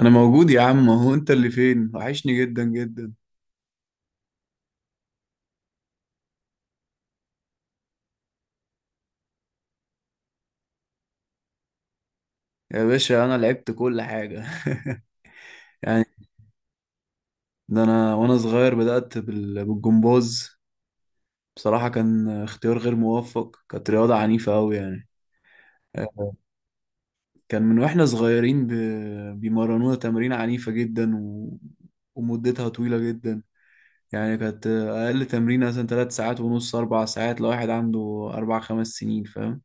انا موجود يا عم، هو انت اللي فين؟ وحشني جدا جدا. يا باشا انا لعبت كل حاجه. يعني ده انا وانا صغير بدات بالجمباز. بصراحه كان اختيار غير موفق، كانت رياضه عنيفه قوي يعني. آه، كان من واحنا صغيرين بيمرنونا تمارين عنيفه جدا ومدتها طويله جدا. يعني كانت اقل تمرين مثلا 3 ساعات ونص، 4 ساعات، لو واحد عنده اربع خمس سنين، فاهم؟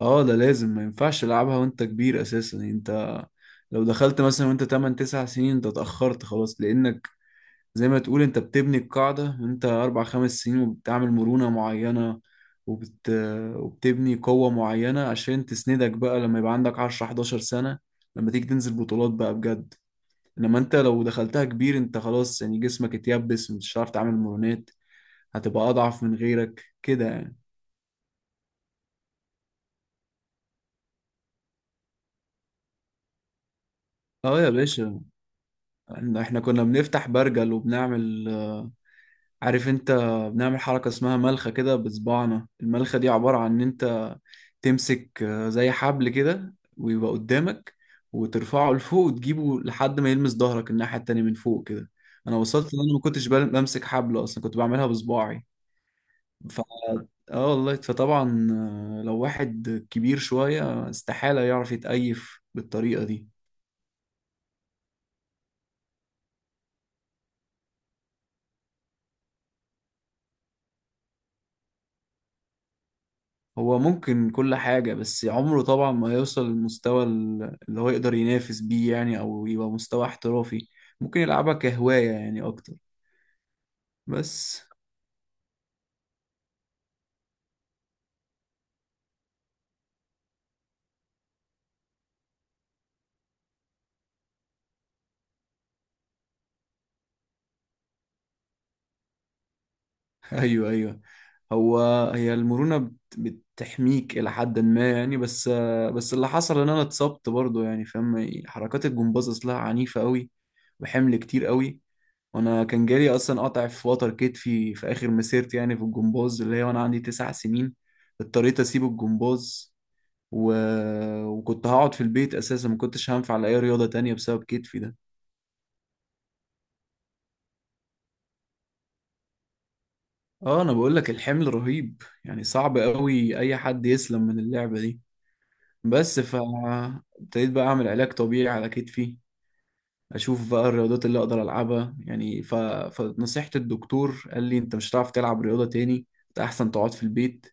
اه ده لازم ما ينفعش تلعبها وانت كبير اساسا. يعني انت لو دخلت مثلا وانت 8 9 سنين انت اتأخرت خلاص، لانك زي ما تقول انت بتبني القاعدة وانت 4 5 سنين، وبتعمل مرونة معينة وبت... وبتبني قوة معينة عشان تسندك بقى لما يبقى عندك 10 11 سنة، لما تيجي تنزل بطولات بقى بجد. انما انت لو دخلتها كبير انت خلاص، يعني جسمك اتيبس ومش هتعرف تعمل مرونات، هتبقى اضعف من غيرك كده يعني. اه يا باشا، إحنا كنا بنفتح برجل وبنعمل، عارف انت، بنعمل حركة اسمها ملخة كده بصباعنا. الملخة دي عبارة عن ان انت تمسك زي حبل كده ويبقى قدامك، وترفعه لفوق وتجيبه لحد ما يلمس ظهرك الناحية التانية من فوق كده. انا وصلت ان انا ما كنتش بمسك حبل اصلا، كنت بعملها بصباعي. ف... اه والله فطبعا. لو واحد كبير شوية استحالة يعرف يتأيف بالطريقة دي. هو ممكن كل حاجة، بس عمره طبعا ما يوصل للمستوى اللي هو يقدر ينافس بيه، يعني أو يبقى مستوى احترافي. ممكن يلعبها كهواية يعني أكتر بس. أيوه أيوه. هو هي المرونة بتحميك إلى حد ما يعني، بس اللي حصل إن أنا اتصبت برضه، يعني فاهم حركات الجمباز أصلها عنيفة أوي وحمل كتير أوي. وأنا كان جالي أصلا قطع في وتر كتفي في آخر مسيرتي يعني في الجمباز، اللي هي وأنا عندي 9 سنين. اضطريت أسيب الجمباز و... وكنت هقعد في البيت اساسا، ما كنتش هنفع لاي رياضة تانية بسبب كتفي ده. اه انا بقول لك الحمل رهيب، يعني صعب قوي اي حد يسلم من اللعبة دي. بس. ابتديت بقى اعمل علاج طبيعي على كتفي، اشوف بقى الرياضات اللي اقدر العبها يعني. فنصيحة الدكتور قال لي انت مش هتعرف تلعب رياضة تاني، انت احسن تقعد في البيت.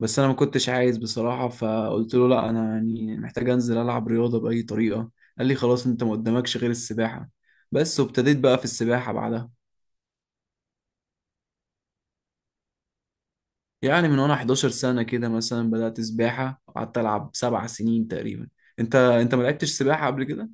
بس انا ما كنتش عايز بصراحه، فقلت له لا انا يعني محتاج انزل العب رياضه باي طريقه. قال لي خلاص انت ما قدامكش غير السباحه بس. وابتديت بقى في السباحه بعدها. يعني من وانا 11 سنه كده مثلا بدات سباحه، قعدت العب 7 سنين تقريبا. انت ما لعبتش سباحه قبل كده؟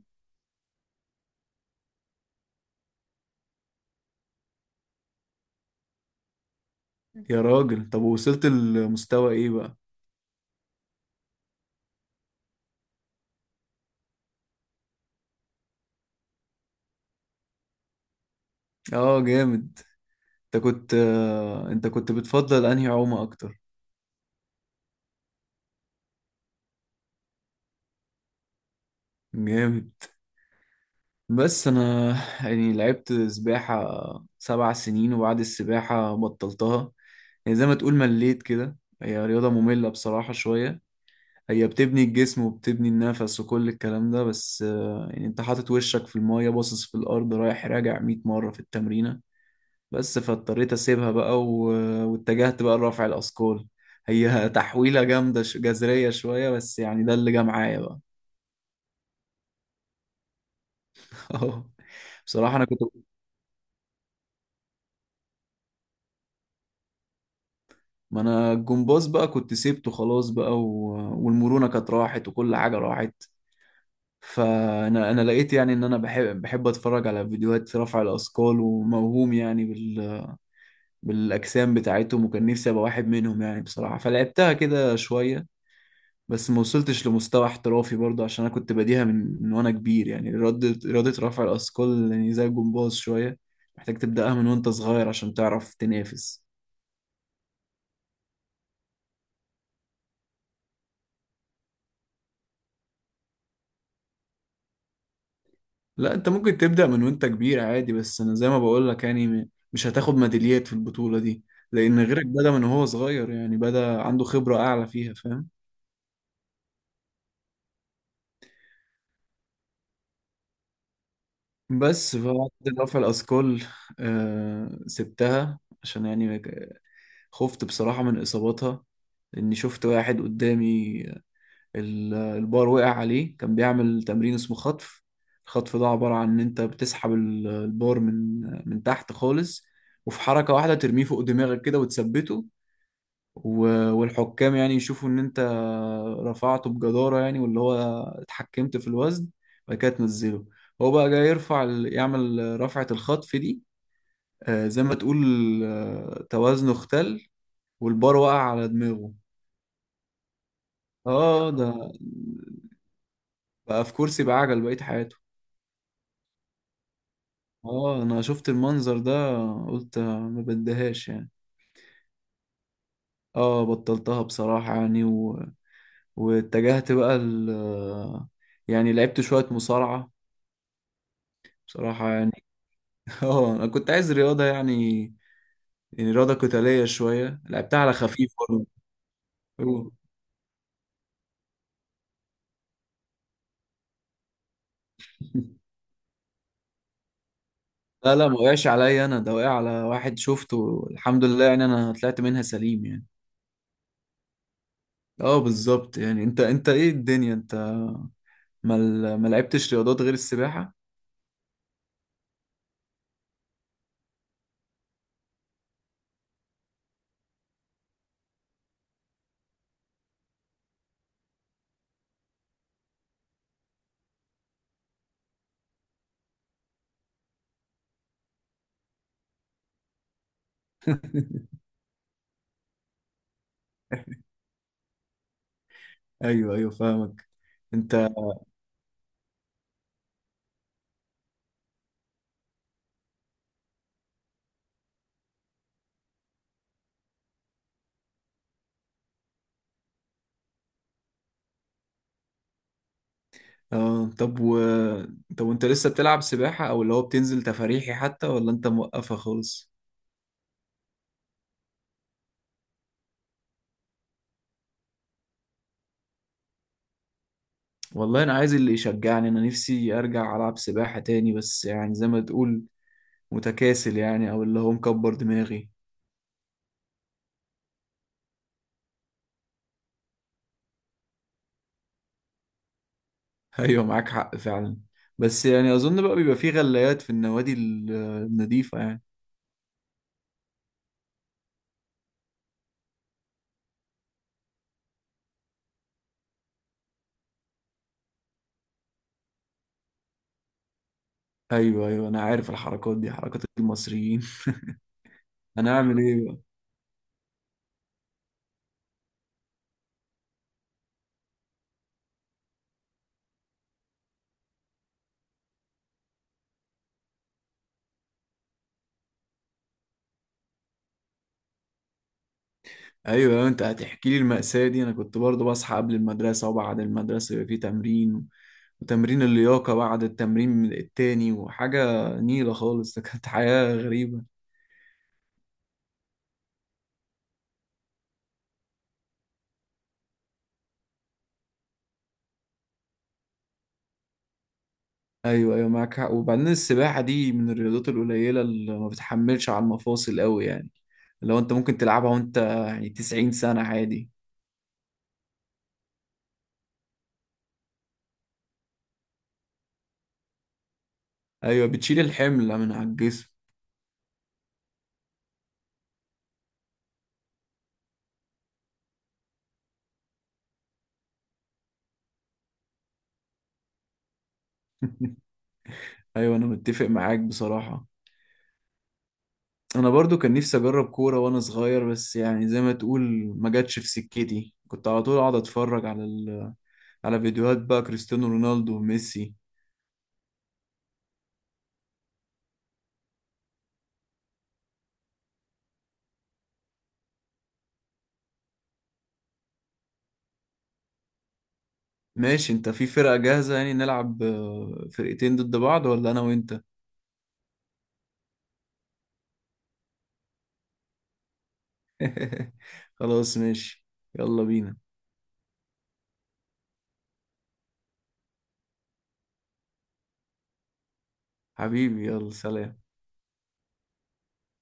يا راجل طب وصلت لمستوى ايه بقى؟ اه جامد. انت كنت بتفضل انهي عومه اكتر؟ جامد. بس انا يعني لعبت سباحة 7 سنين، وبعد السباحة بطلتها. يعني زي ما تقول مليت كده. هي رياضة مملة بصراحة شوية. هي بتبني الجسم وبتبني النفس وكل الكلام ده، بس يعني انت حاطط وشك في المية باصص في الارض رايح راجع 100 مرة في التمرينة بس. فاضطريت اسيبها بقى واتجهت بقى لرفع الاثقال. هي تحويلة جامدة، جذرية شوية، بس يعني ده اللي جه معايا بقى. بصراحة انا كنت. ما انا الجمباز بقى كنت سيبته خلاص بقى والمرونة كانت راحت وكل حاجة راحت. فانا لقيت يعني ان انا بحب اتفرج على فيديوهات رفع الاثقال، وموهوم يعني بالاجسام بتاعتهم، وكان نفسي ابقى واحد منهم يعني بصراحة، فلعبتها كده شوية. بس ما وصلتش لمستوى احترافي برضه عشان انا كنت بديها من وانا كبير، يعني رياضة رفع الاثقال يعني زي الجمباز شوية، محتاج تبدأها من وانت صغير عشان تعرف تنافس. لا انت ممكن تبدأ من وانت كبير عادي، بس انا زي ما بقول لك يعني مش هتاخد ميداليات في البطولة دي. لان غيرك بدأ من هو صغير، يعني بدأ عنده خبرة اعلى فيها فاهم. بس بعد رفع الاثقال آه سبتها عشان يعني خفت بصراحة من اصاباتها. لاني شفت واحد قدامي البار وقع عليه، كان بيعمل تمرين اسمه خطف. الخطف ده عبارة عن ان انت بتسحب البار من من تحت خالص، وفي حركة واحدة ترميه فوق دماغك كده وتثبته. والحكام يعني يشوفوا ان انت رفعته بجدارة، يعني واللي هو اتحكمت في الوزن، بعد كده تنزله. هو بقى جاي يرفع يعمل رفعة الخطف دي. زي ما تقول توازنه اختل، والبار وقع على دماغه. اه ده بقى في كرسي بعجل بقية حياته. اه انا شفت المنظر ده قلت ما بديهاش يعني. اه بطلتها بصراحة يعني واتجهت بقى. يعني لعبت شوية مصارعة بصراحة يعني. اه انا كنت عايز رياضه يعني، يعني رياضه قتاليه شويه، لعبتها على خفيف برضه. أوه. لا لا ما وقعش عليا انا، ده وقع على واحد شفته، الحمد لله يعني انا طلعت منها سليم يعني. اه بالظبط. يعني انت ايه الدنيا انت، ما لعبتش رياضات غير السباحه؟ ايوه ايوه فاهمك انت. اه طب وانت لسه بتلعب سباحه، او اللي هو بتنزل تفاريحي حتى، ولا انت موقفه خالص؟ والله انا عايز اللي يشجعني، انا نفسي ارجع العب سباحه تاني، بس يعني زي ما تقول متكاسل يعني، او اللي هو مكبر دماغي. ايوه معاك حق فعلا. بس يعني اظن بقى بيبقى فيه غلايات في النوادي النظيفة يعني. ايوه ايوه انا عارف الحركات دي حركات المصريين. انا اعمل ايه بقى؟ ايوه أيوة، انت هتحكي لي المأساة دي؟ انا كنت برضو بصحى قبل المدرسة، وبعد المدرسة يبقى فيه تمرين، وتمرين اللياقة بعد التمرين التاني، وحاجة نيلة خالص. ده كانت حياة غريبة. ايوه ايوه معاك حق. وبعدين السباحه دي من الرياضات القليله اللي ما بتحملش على المفاصل قوي يعني، لو انت ممكن تلعبها وانت يعني 90 سنه عادي. ايوه بتشيل الحمل من على الجسم. ايوه انا متفق معاك بصراحه. انا برضو كان نفسي اجرب كوره وانا صغير، بس يعني زي ما تقول ما جاتش في سكتي، كنت على طول اقعد اتفرج على على فيديوهات بقى كريستيانو رونالدو وميسي. ماشي انت في فرقه جاهزه يعني نلعب فرقتين ضد بعض، ولا انا وانت؟ خلاص ماشي، يلا بينا. حبيبي يلا سلام.